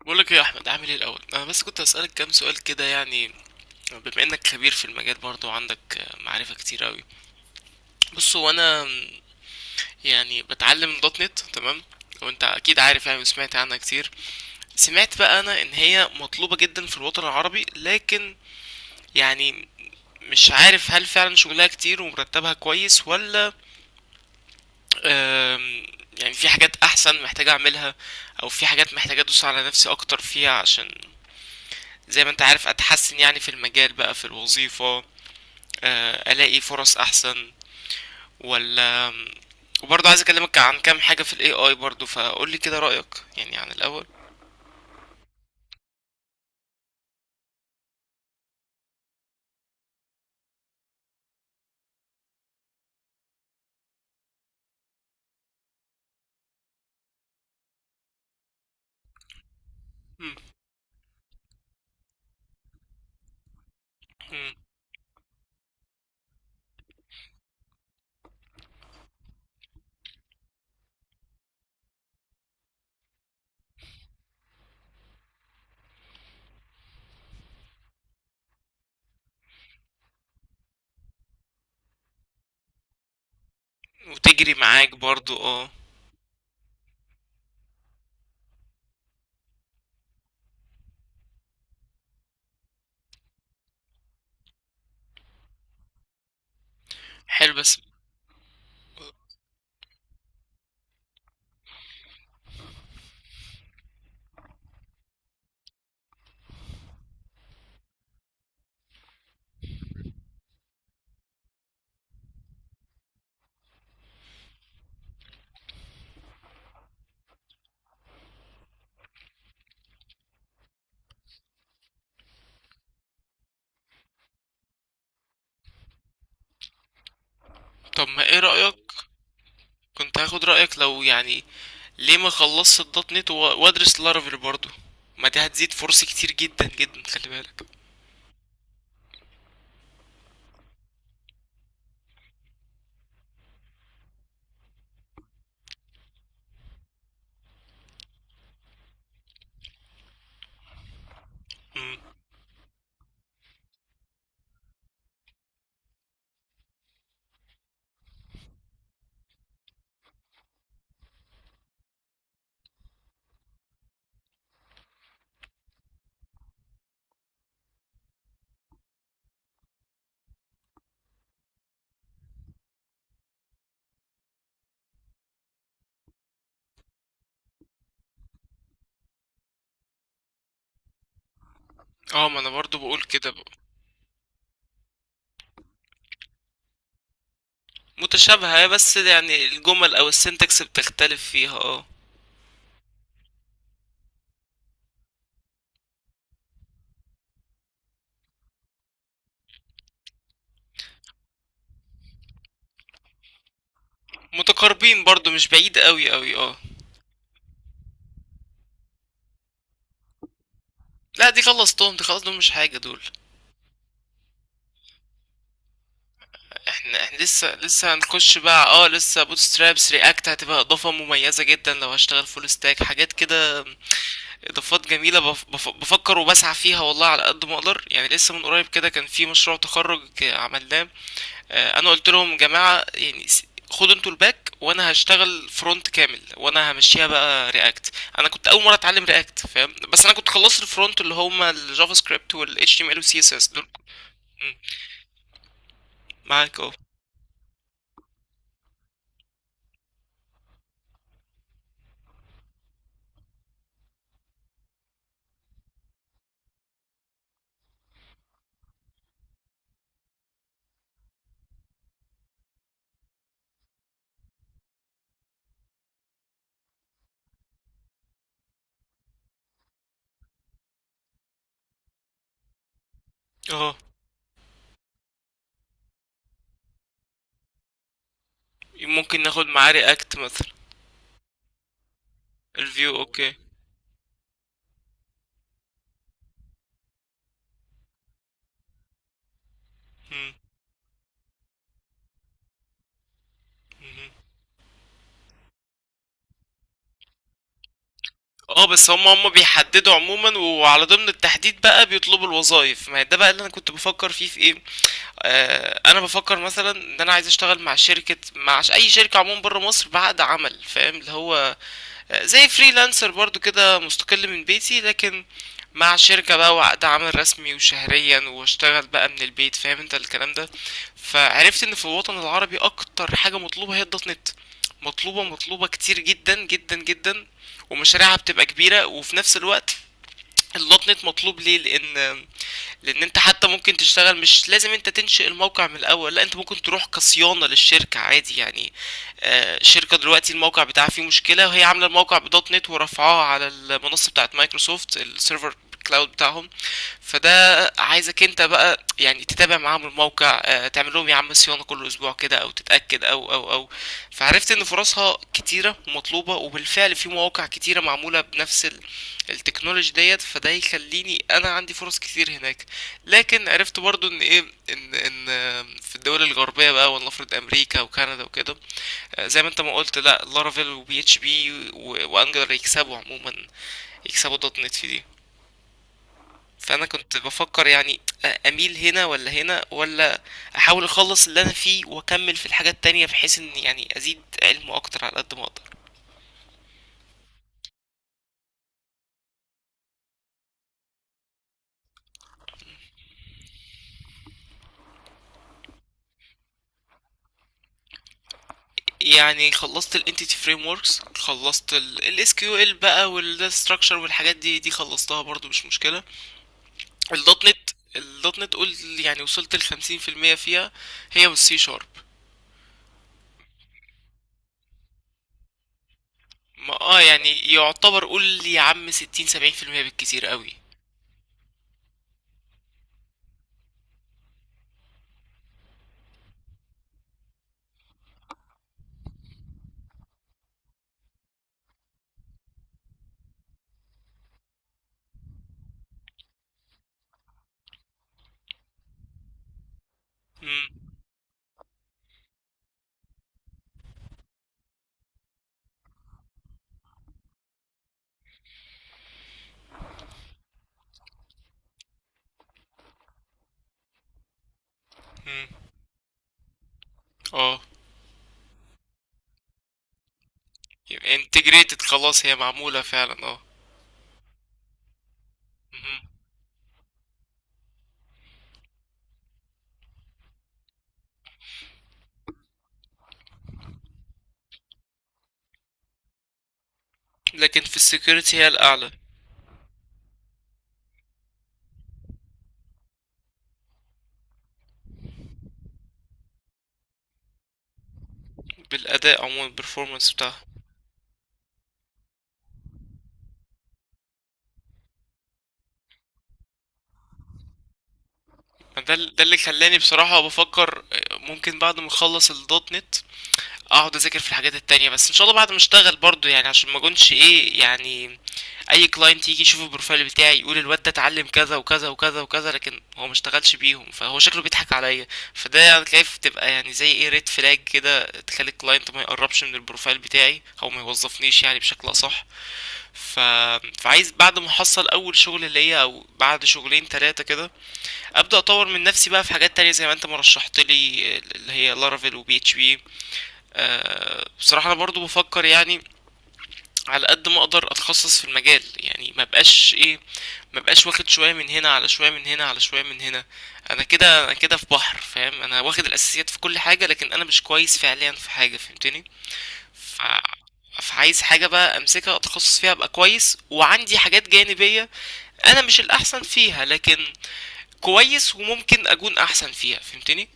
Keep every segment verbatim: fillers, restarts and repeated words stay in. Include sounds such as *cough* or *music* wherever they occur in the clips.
بقولك ايه يا احمد، عامل ايه؟ الاول انا بس كنت اسالك كام سؤال كده يعني. بما انك خبير في المجال برضه وعندك معرفه كتير قوي. بص هو انا، يعني بتعلم دوت نت، تمام. وانت اكيد عارف يعني وسمعت عنها كتير. سمعت بقى انا ان هي مطلوبه جدا في الوطن العربي، لكن يعني مش عارف هل فعلا شغلها كتير ومرتبها كويس ولا. آم، يعني في حاجات احسن محتاج اعملها، او في حاجات محتاج ادوس على نفسي اكتر فيها، عشان زي ما انت عارف اتحسن يعني في المجال بقى، في الوظيفة، آه، الاقي فرص احسن ولا. وبرضه عايز اكلمك عن كام حاجة في الاي اي برضه، فقول لي كده رأيك يعني عن الاول. مم. مم. وتجري معاك برضه اه. حلو بس. طب ما ايه رأيك؟ كنت هاخد رأيك، لو يعني ليه ما خلصت الدوت نت و- وادرس لارافيل برضه؟ ما دي هتزيد فرصي كتير جدا جدا، خلي بالك. مم. اه، ما انا برضه بقول كده بقى. متشابهة، بس يعني الجمل او السنتكس بتختلف فيها اه. متقاربين برضو، مش بعيد قوي قوي اه. لا دي خلصتهم، دي خلاص، دول مش حاجه دول. احنا احنا لسه لسه هنخش بقى اه، لسه بوت سترابس رياكت هتبقى اضافه مميزه جدا لو هشتغل فول ستاك حاجات كده. اضافات جميله، بف بف بفكر وبسعى فيها والله على قد ما اقدر يعني، لسه من قريب كده كان في مشروع تخرج عملناه. آه، انا قلت لهم جماعه يعني س- خدوا انتوا الباك وانا هشتغل فرونت كامل، وانا همشيها بقى رياكت. انا كنت اول مره اتعلم رياكت، فاهم؟ بس انا كنت خلصت الفرونت اللي هما الجافا سكريبت والاتش تي ام ال والسي اس اس دول. مم. معاك اه. اه، ممكن ناخد معاه رياكت مثلا. الفيو، اوكي. مم. مم. اه بس هم هم بيحددوا عموما، وعلى ضمن التحديد بقى بيطلبوا الوظائف. ما هي ده بقى اللي انا كنت بفكر فيه في ايه. آه، انا بفكر مثلا ان انا عايز اشتغل مع شركة، مع ش- اي شركة عموما بره مصر بعقد عمل، فاهم اللي هو زي فريلانسر برضو كده، مستقل من بيتي، لكن مع شركة بقى وعقد عمل رسمي وشهريا واشتغل بقى من البيت، فاهم انت الكلام ده. فعرفت ان في الوطن العربي اكتر حاجة مطلوبة هي الدوت نت، مطلوبة مطلوبة كتير جدا جدا جدا، ومشاريعها بتبقى كبيرة. وفي نفس الوقت الدوت نت مطلوب ليه؟ لان لان انت حتى ممكن تشتغل، مش لازم انت تنشئ الموقع من الاول، لا انت ممكن تروح كصيانه للشركه عادي يعني. آه، شركه دلوقتي الموقع بتاعها فيه مشكله، وهي عامله الموقع بدوت نت ورفعاها على المنصه بتاعت مايكروسوفت، السيرفر كلاود بتاعهم. فده عايزك انت بقى يعني تتابع معاهم الموقع، آه، تعمل لهم يا عم صيانه كل اسبوع كده، او تتاكد او او او. فعرفت ان فرصها كتيره ومطلوبه، وبالفعل في مواقع كتيره معموله بنفس ال... التكنولوجي ديت. فده يخليني انا عندي فرص كتير هناك. لكن عرفت برضو ان ايه، ان ان آم، في الدول الغربيه بقى، ولنفرض امريكا وكندا وكده، آه، زي ما انت ما قلت، لا لارافيل وبي اتش بي وانجلر يكسبوا عموما، يكسبوا دوت نت في دي. فانا كنت بفكر يعني آه، اميل هنا ولا هنا، ولا احاول اخلص اللي انا فيه واكمل في الحاجات التانية، بحيث ان يعني ازيد علمه اكتر على قد ما اقدر. يعني خلصت ال entity frameworks، خلصت ال ال S Q L بقى، وال data structure والحاجات دي، دي خلصتها برضو مش مشكلة. ال .دوت نت ال .دوت نت قول يعني وصلت لخمسين في المية فيها، هي والسي شارب. ما اه يعني يعتبر قول يا عم ستين سبعين في المية بالكتير قوي. مم، مم، اه. انتجريتد، خلاص هي معمولة فعلا اه. مم. لكن في السكيورتي هي الأعلى. بالأداء عموما، البرفورمانس بتاعها. ده ده اللي خلاني بصراحة بفكر، آه، ممكن بعد ما اخلص الدوت نت اقعد اذاكر في الحاجات التانية، بس ان شاء الله بعد ما اشتغل برضو يعني، عشان ما اكونش ايه يعني، اي كلاينت يجي يشوف البروفايل بتاعي يقول الواد ده اتعلم كذا وكذا وكذا وكذا، لكن هو ما اشتغلش بيهم فهو شكله بيضحك عليا. فده يعني تلاقيه بتبقى يعني زي ايه، ريد فلاج كده، تخلي الكلاينت ما يقربش من البروفايل بتاعي او ما يوظفنيش يعني بشكل اصح. ف... فعايز بعد ما احصل اول شغل ليا او بعد شغلين ثلاثة كده، ابدا اطور من نفسي بقى في حاجات تانية زي ما انت مرشحت لي، اللي هي لارافيل وبي اتش بي. آه، بصراحة أنا برضو بفكر يعني على قد ما أقدر أتخصص في المجال، يعني ما بقاش إيه، ما بقاش واخد شوية من هنا على شوية من هنا على شوية من هنا. أنا كده أنا كده في بحر، فاهم؟ أنا واخد الأساسيات في كل حاجة، لكن أنا مش كويس فعليا في حاجة، فهمتني؟ ف... فعايز حاجة بقى أمسكها أتخصص فيها أبقى كويس، وعندي حاجات جانبية أنا مش الأحسن فيها لكن كويس وممكن أكون أحسن فيها، فهمتني؟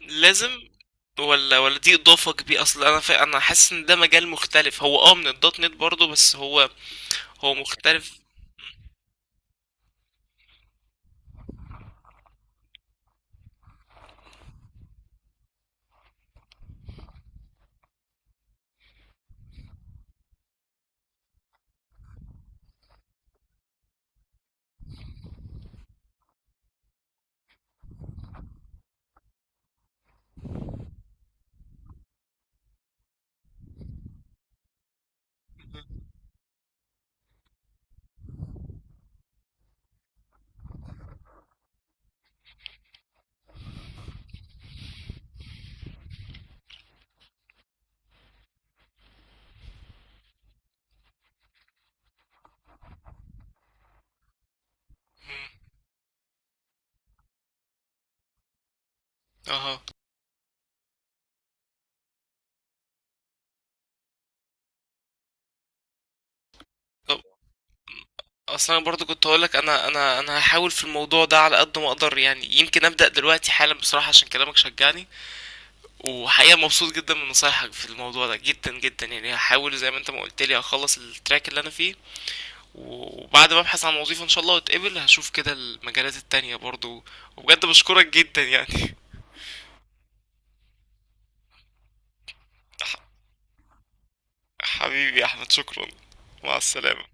لازم ولا، ولا دي اضافه كبيره. اصل انا فا... انا حاسس ان ده مجال مختلف هو اه من الدوت نت برضه، بس هو هو مختلف. اها. طب اصلا انا برضه كنت هقول لك انا انا انا هحاول في الموضوع ده على قد ما اقدر، يعني يمكن ابدا دلوقتي حالا بصراحه عشان كلامك شجعني، وحقيقه مبسوط جدا من نصايحك في الموضوع ده جدا جدا يعني. هحاول زي ما انت ما قلت لي هخلص التراك اللي انا فيه، وبعد ما ابحث عن وظيفه ان شاء الله واتقبل، هشوف كده المجالات التانية برضه. وبجد بشكرك جدا يعني. *laughs* حبيبي يا أحمد، شكرا، مع السلامة.